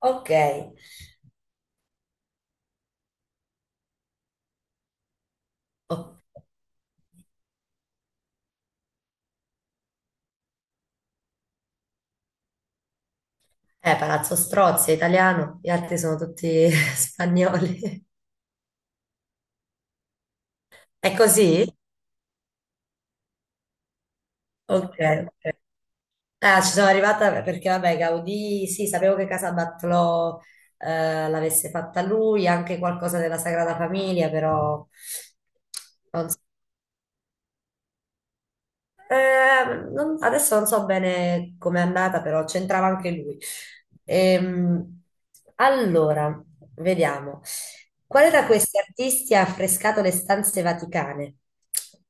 Ok. Oh, Palazzo Strozzi è italiano, gli altri sono tutti spagnoli. È così? Ok, ok. Ah, ci sono arrivata perché, vabbè, Gaudì, sì, sapevo che Casa Batlló l'avesse fatta lui, anche qualcosa della Sagrada Famiglia, però. non adesso non so bene com'è andata, però c'entrava anche lui. Ehm, allora, vediamo. Quale da questi artisti ha affrescato le stanze vaticane?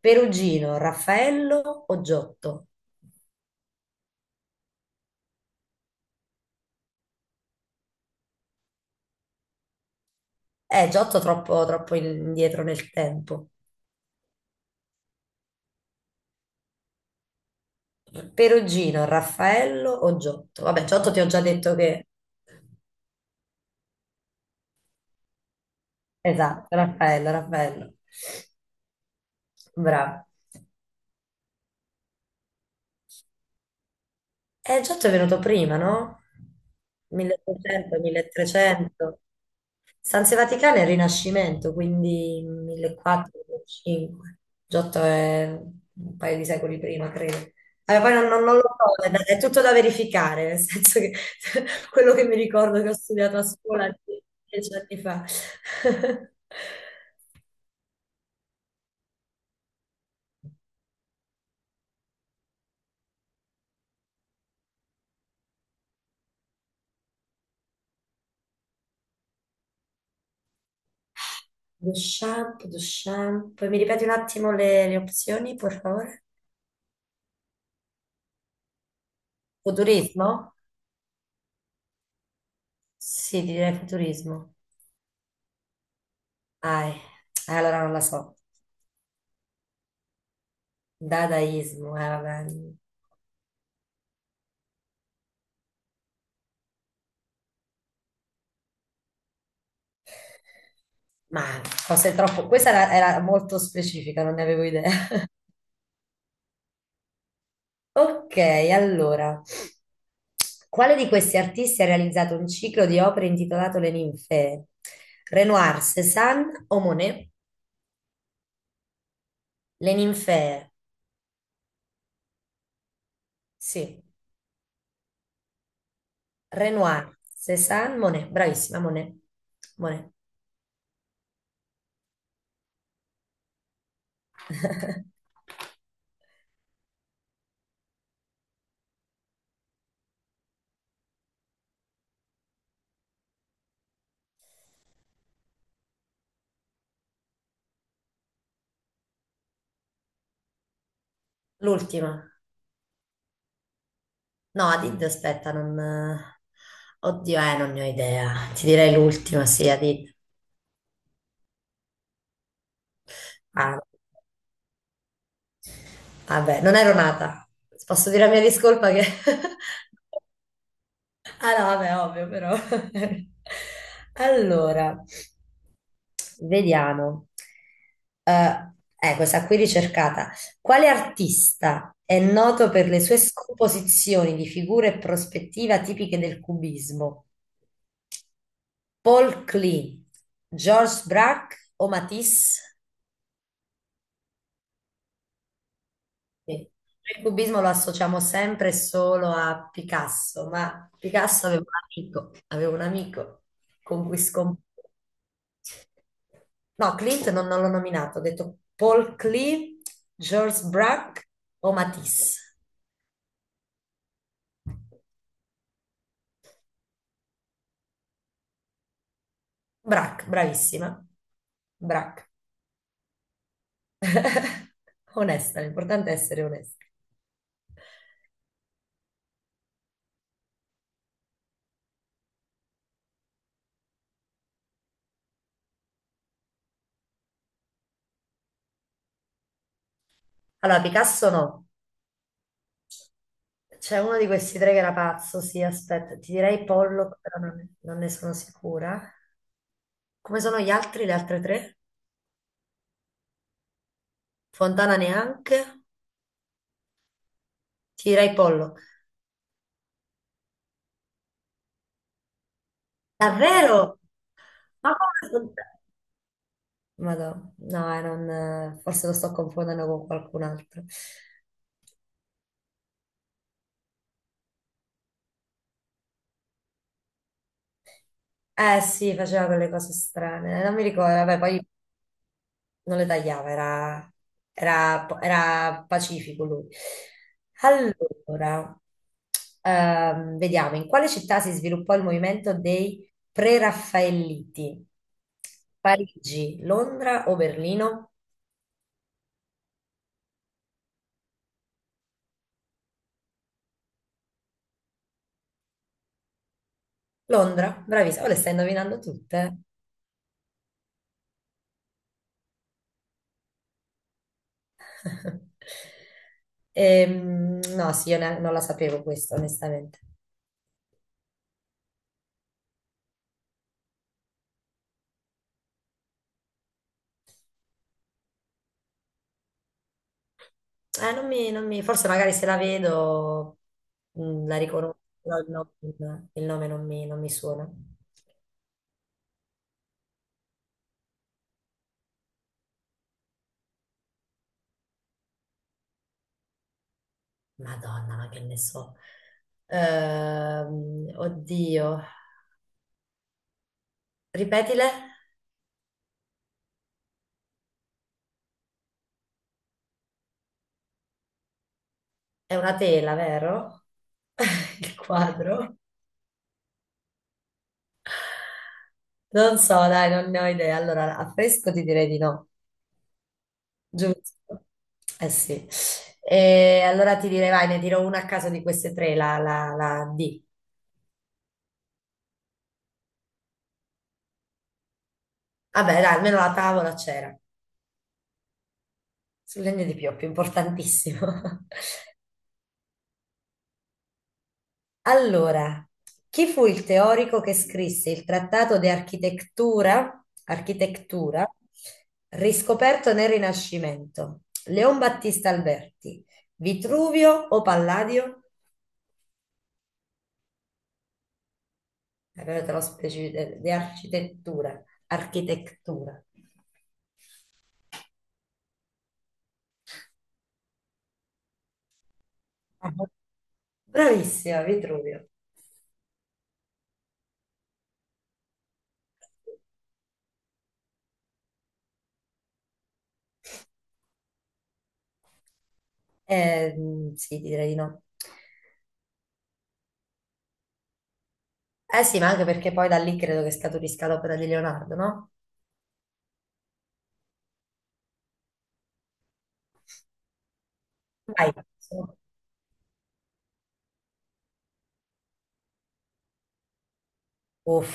Perugino, Raffaello o Giotto? Giotto troppo, troppo indietro nel tempo. Perugino, Raffaello o Giotto? Vabbè, Giotto ti ho già detto che. Esatto, Raffaello, Raffaello. Bravo. Giotto è venuto prima, no? 1800, 1300. Stanze Vaticane è il Rinascimento, quindi 1400-1500. Giotto è un paio di secoli prima, credo. Allora, poi non lo so, è tutto da verificare, nel senso che quello che mi ricordo che ho studiato a scuola dieci anni fa. Duchamp, Duchamp. Mi ripeti un attimo le opzioni, per favore? Futurismo? Sì, direi futurismo. Ah, eh, allora non la so. Dadaismo, vabbè. Ma forse è troppo. Questa era molto specifica, non ne avevo idea. Ok, allora. Quale di questi artisti ha realizzato un ciclo di opere intitolato Le ninfee? Renoir, Cézanne o Monet? Le ninfee, sì. Renoir, Cézanne, Monet. Bravissima, Monet. Monet. L'ultima. No, Adid, aspetta, non... Oddio, non ne ho idea. Ti direi l'ultima, sì, Adid. Ah, vabbè, non ero nata. Posso dire la mia discolpa che. Ah no, vabbè, ovvio, però. Allora, vediamo. Eh, Questa qui ricercata. Quale artista è noto per le sue scomposizioni di figure e prospettiva tipiche del cubismo? Paul Klee, Georges Braque o Matisse? Sì. Noi il cubismo lo associamo sempre e solo a Picasso, ma Picasso aveva un amico con cui scomparve. No, Clint non l'ho nominato, ho detto Paul Klee, Georges Braque o Matisse. Braque, bravissima. Braque. Onesta, l'importante è essere onesti. Allora, Picasso no. C'è uno di questi tre che era pazzo, sì, aspetta, ti direi Pollock, però non ne sono sicura. Come sono gli altri, le altre tre? Fontana neanche, ti direi Pollock. Davvero? Ma come? Fontana? Madò, no, forse lo sto confondendo con qualcun altro. Eh sì, faceva quelle cose strane, non mi ricordo, vabbè, poi non le tagliava, era pacifico lui. Allora, vediamo, in quale città si sviluppò il movimento dei Pre-Raffaelliti? Parigi, Londra o Berlino? Londra, bravissima, oh, le stai indovinando tutte. No, sì, non la sapevo questa, onestamente. Non mi, non mi- Forse magari se la vedo la riconosco, però il nome non mi suona. Madonna, ma che ne so. Oddio, ripetile, è una tela, vero? Il quadro? Non so, dai, non ne ho idea. Allora, a fresco ti direi di no. Giusto. Eh sì. E allora ti direi, vai, ne dirò una a caso di queste tre, la D. Vabbè, dai, almeno la tavola c'era. Sul legno di pioppo, importantissimo. Allora, chi fu il teorico che scrisse il trattato di architettura, architettura riscoperto nel Rinascimento? Leon Battista Alberti, Vitruvio o Palladio? Però te lo specifico, di architettura, architettura. Ah, bravissima, Vitruvio. Sì, direi di no. Eh sì, ma anche perché poi da lì credo che scaturisca l'opera di Leonardo, no? Vai. Uff,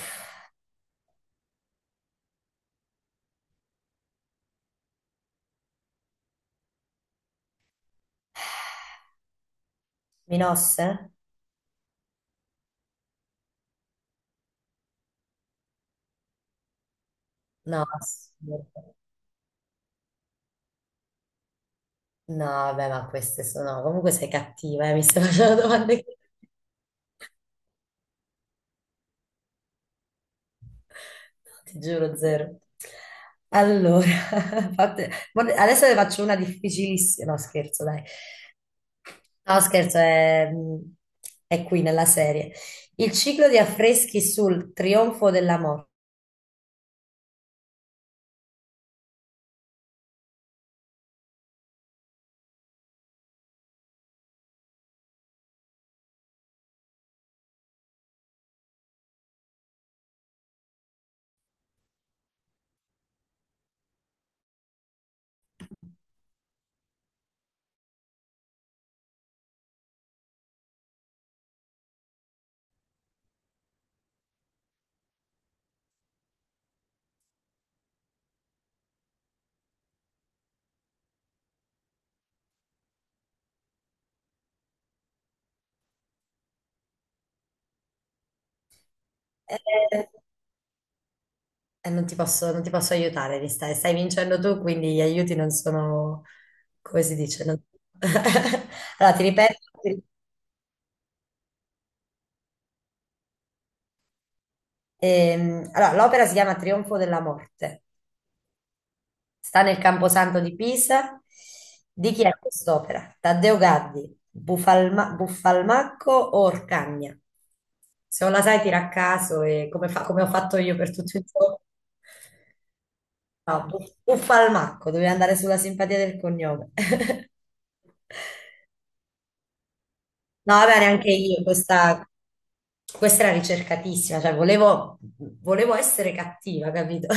Minosse? No, assurdo. No, vabbè, ma queste sono. Comunque sei cattiva, mi stai facendo domande. Ti giuro, zero. Allora, guarda, adesso ne faccio una difficilissima. No, scherzo, dai. No, scherzo, è qui nella serie. Il ciclo di affreschi sul trionfo dell'amore. Eh, non ti posso aiutare, mi stai vincendo tu, quindi gli aiuti non sono, come si dice? Allora, ti ripeto. ti- allora, l'opera si chiama Trionfo della morte. Sta nel Camposanto di Pisa. Di chi è quest'opera? Taddeo Gaddi, Buffalmacco o Orcagna? Se non la sai, tira a caso e come, come ho fatto io per tutto il giorno. No, Buffalmacco, dovevi andare sulla simpatia del cognome. No, vabbè, neanche io, questa era ricercatissima, cioè volevo essere cattiva, capito?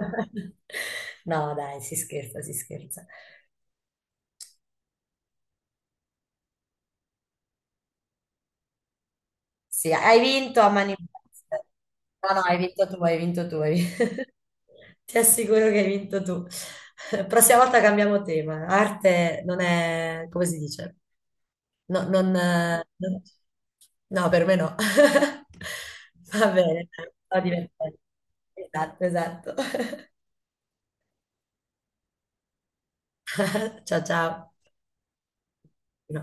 No, dai, si scherza, si scherza. Sì, hai vinto a mani basse. No, no, hai vinto tu, hai vinto tu. Hai Ti assicuro che hai vinto tu. Prossima volta cambiamo tema. Arte non è, come si dice? No. No, per me no. Va bene, dai, sto divertendo. Esatto, esatto. Ciao, ciao.